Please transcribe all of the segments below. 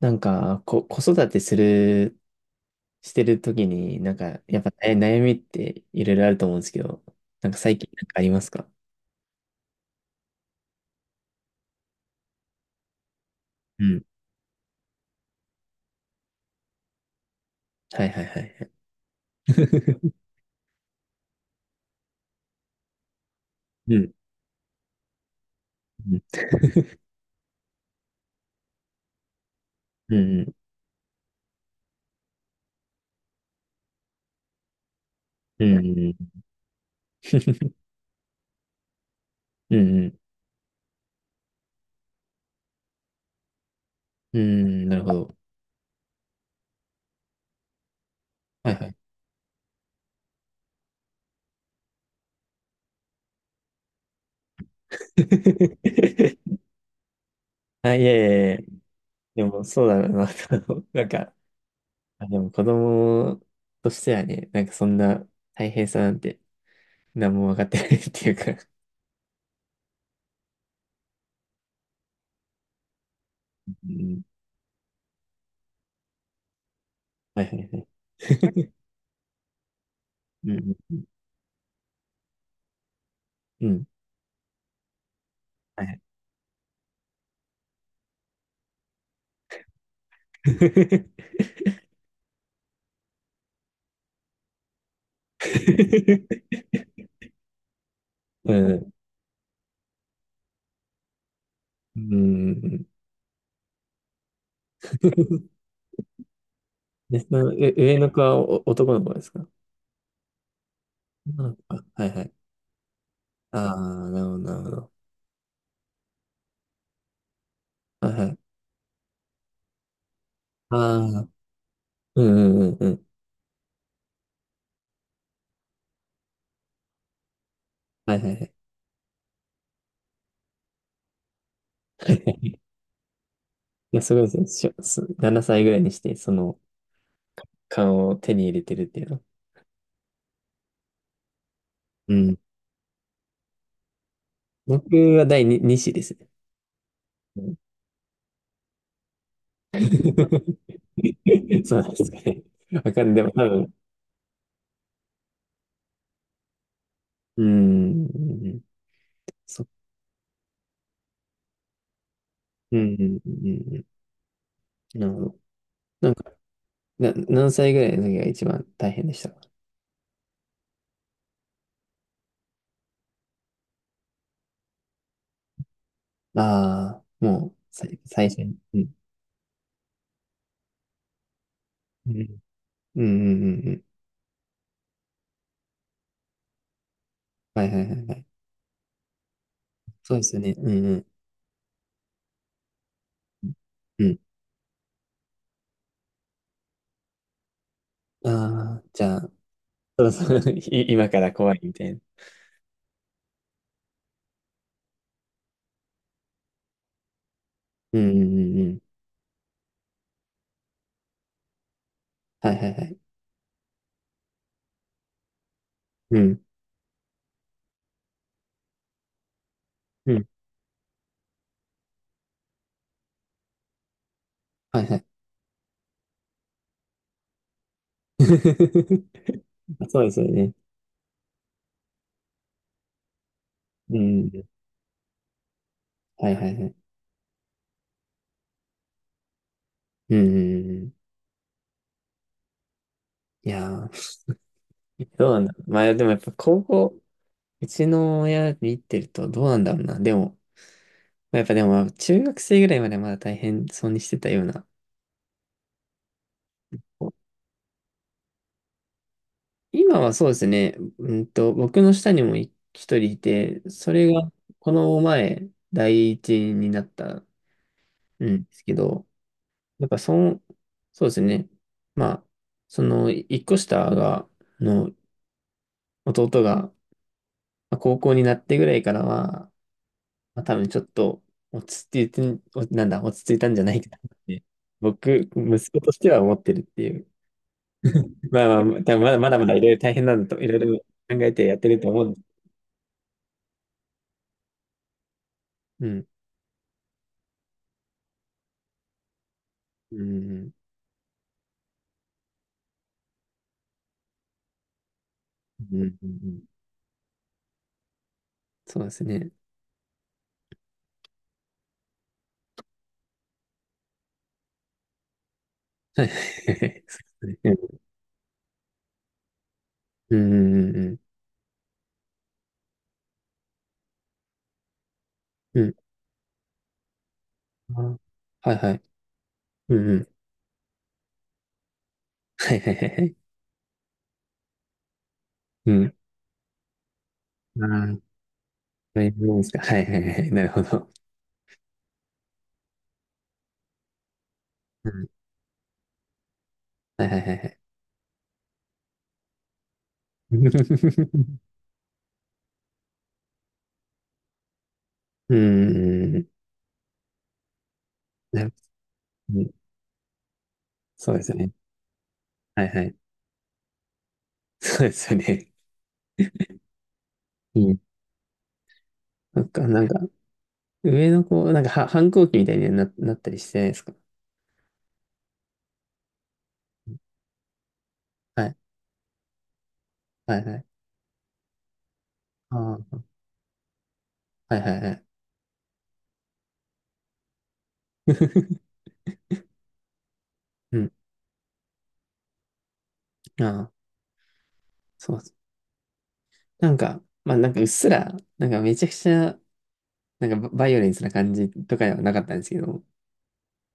なんか、子育てする、してるときに、なんか、やっぱ、悩みっていろいろあると思うんですけど、なんか最近なんかありますか？うん。はいはいはいはい。うん。うん。うん。うん。うん。うん。うん、なるほど。はいはい。あ、いやいやいや。でも、そうだな。なんか、あ、でも子供としてはね、なんかそんな大変さなんて、何も分かってないっていうか。うん。はいはいはい。うん。うん。うん。 うんうん。ね、上の子は男の子ですか？女の子か。はいはい。ああ、なるほど、なるほど。はいはい。ああ、うんうんうんうん。はいはいはい。いや、すごいですね。しょそ7歳ぐらいにして、その勘を手に入れてるっていうの。うん。僕は第2、二子ですね。うん。 そうなんですかね。わかんない。でも多分、うん、うんうん、そうん、うん、うん、うん。なるほど。何歳ぐらいの時が一番大変でしたか？ああー、もう、最初に。うん。うん。うんうんうんうん。はいはいはいはい。そうですよね。うんうんうん。ああ、じゃあ、そろそろ。 今から怖いみたいな。うんうんうんうん。はいはいはい。うん。うん。はいはい。そうですよね。うん。はいはいはい。うんうんうんうん。いやー、どうなんだろう。まあでもやっぱ高校、うちの親見てるとどうなんだろうな。でも、まあやっぱでも、中学生ぐらいまではまだ大変そうにしてたような。今はそうですね、僕の下にも一人いて、それがこの前、第一になったんですけど、やっぱその、そうですね、まあ、その一個下が、の弟がまあ高校になってぐらいからは、まあ、多分ちょっと落ち着いて、おなんだ、落ち着いたんじゃないかなって、僕、息子としては思ってるっていう。まあまあ、多分まだまだいろいろ大変なんだと、いろいろ考えてやってると思う。うん。うん。うん。うん。うん、そうですね。はい。そうですね。うん。うん。うん。うん。うん、あ、はいはい。うん。うん。はいはいはいはい。うん。ああ、そういうもんですか。はいはいはいはい。なるほど。うん。はいはいはいはい。うん。うんなうん、そうですよね。はいはい。そうですよね。うん。なんか、なんか、上の子、なんかは、反抗期みたいになったりしてないですか？はいはいはい。ああ、はいはいはい。うん。ああ、そうそう。なんか、まあなんかうっすら、なんかめちゃくちゃ、なんかババイオレンスな感じとかではなかったんですけど、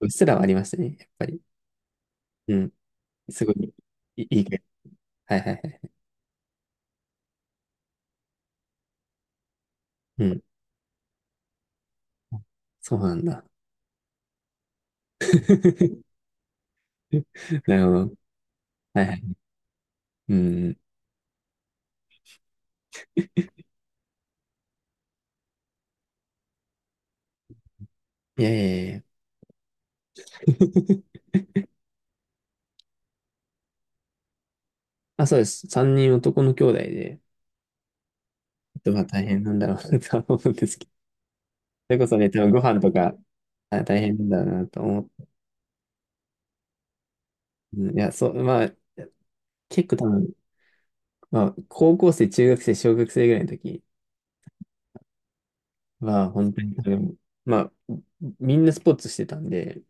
うっすらはありましたね、やっぱり。うん。すごい、いい感じ。はいはいはい。うん。そうなんだ。なるほど。はいはい。うん。いやいやいやいや。あ、そうです。三人男の兄弟で、ちょっとまあ大変なんだろうなとは思うんですけど。それこそね、多分ご飯とか、あ、大変なんだろうなと思っうん、いや、そう、まあ、結構多分、まあ、高校生、中学生、小学生ぐらいの時は、本当に多分、まあ、みんなスポーツしてたんで、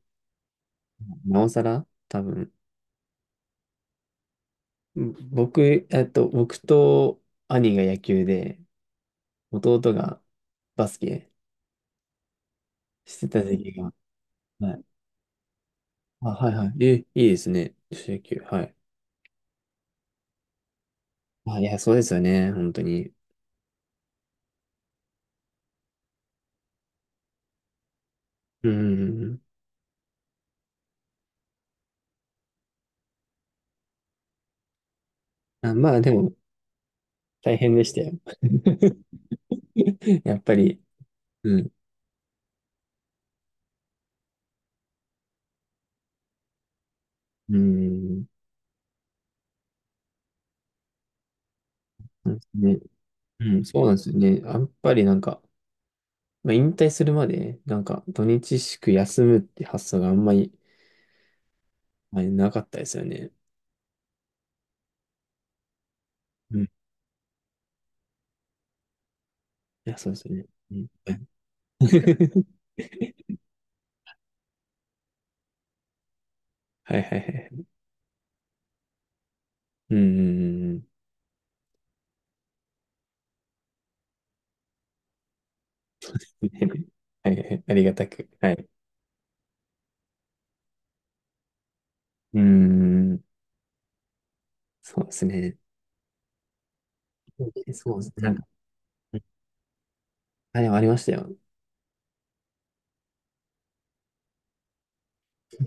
なおさら、多分、僕、僕と兄が野球で、弟がバスケしてた時期が、はい。あ、はいはい。え、いいですね。女子野球。はい。あ、いや、そうですよね。本当に。うん。あ、まあ、でも、大変でしたよ。やっぱり、うん。うん。そうですね。うん、そうなんですよね。やっぱりなんか、まあ、引退するまで、なんか、土日祝休むって発想があんまり、まあなかったですよね。うん。いや、そうですよね。うん。はいはいはい。うんうんうんうん。はいはいはい。ありがたく。はい。うん。そうですね。そうですね。なんか、あ、でもありましたよ。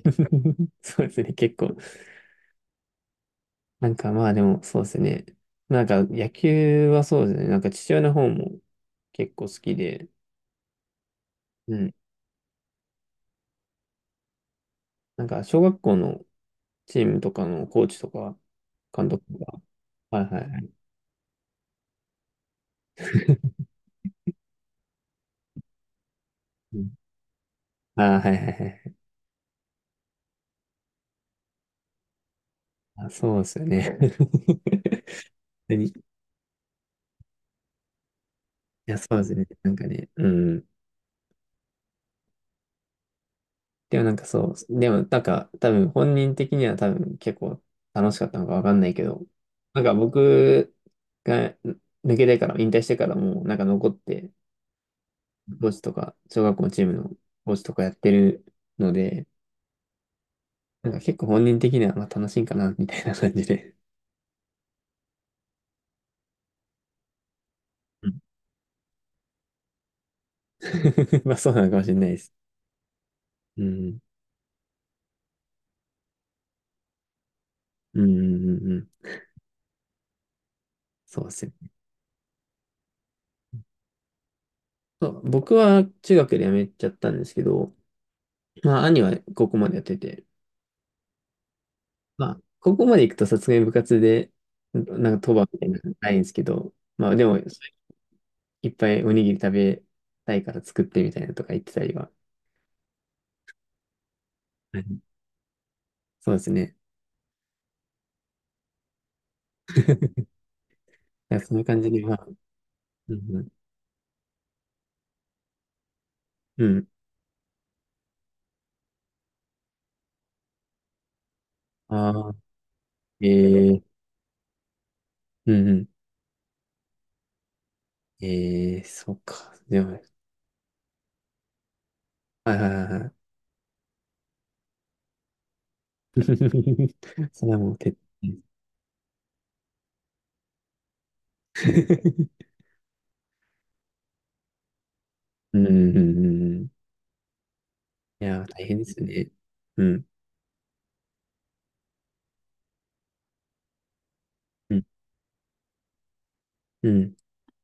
そうですね。結構。なんかまあでも、そうですね。なんか野球はそうですね。なんか父親の方も結構好きで、うん。なんか、小学校のチームとかのコーチとか、監督とか。はいはいはい。うん、あー、はいはいはい。あ、そうですよね。いや、そうですね。なんかね、うん。でもなんかそう、でもなんか多分本人的には多分結構楽しかったのかわかんないけど、なんか僕が抜けてから、引退してからもなんか残って、コーチとか、小学校のチームのコーチとかやってるので、なんか結構本人的にはまあ楽しいんかな、みたいな感じで。うん。 まあそうなのかもしれないです。うん。うんうんうんうん、そうですよ。そう、僕は中学で辞めちゃったんですけど、まあ兄は高校までやってて、まあ高校まで行くとさすがに部活で、なんか当番みたいなのないんですけど、まあでもいっぱいおにぎり食べたいから作ってみたいなのとか言ってたりは、はい、そうですね。だからそんな感じで、まあ、うんうん。うん。ああ、ええ、うんうん、ええ、そっか。でも、はいはいはいはい。それはもう徹底。うん、うん、うん。うん、いや、大変ですね。うん、うん、うん。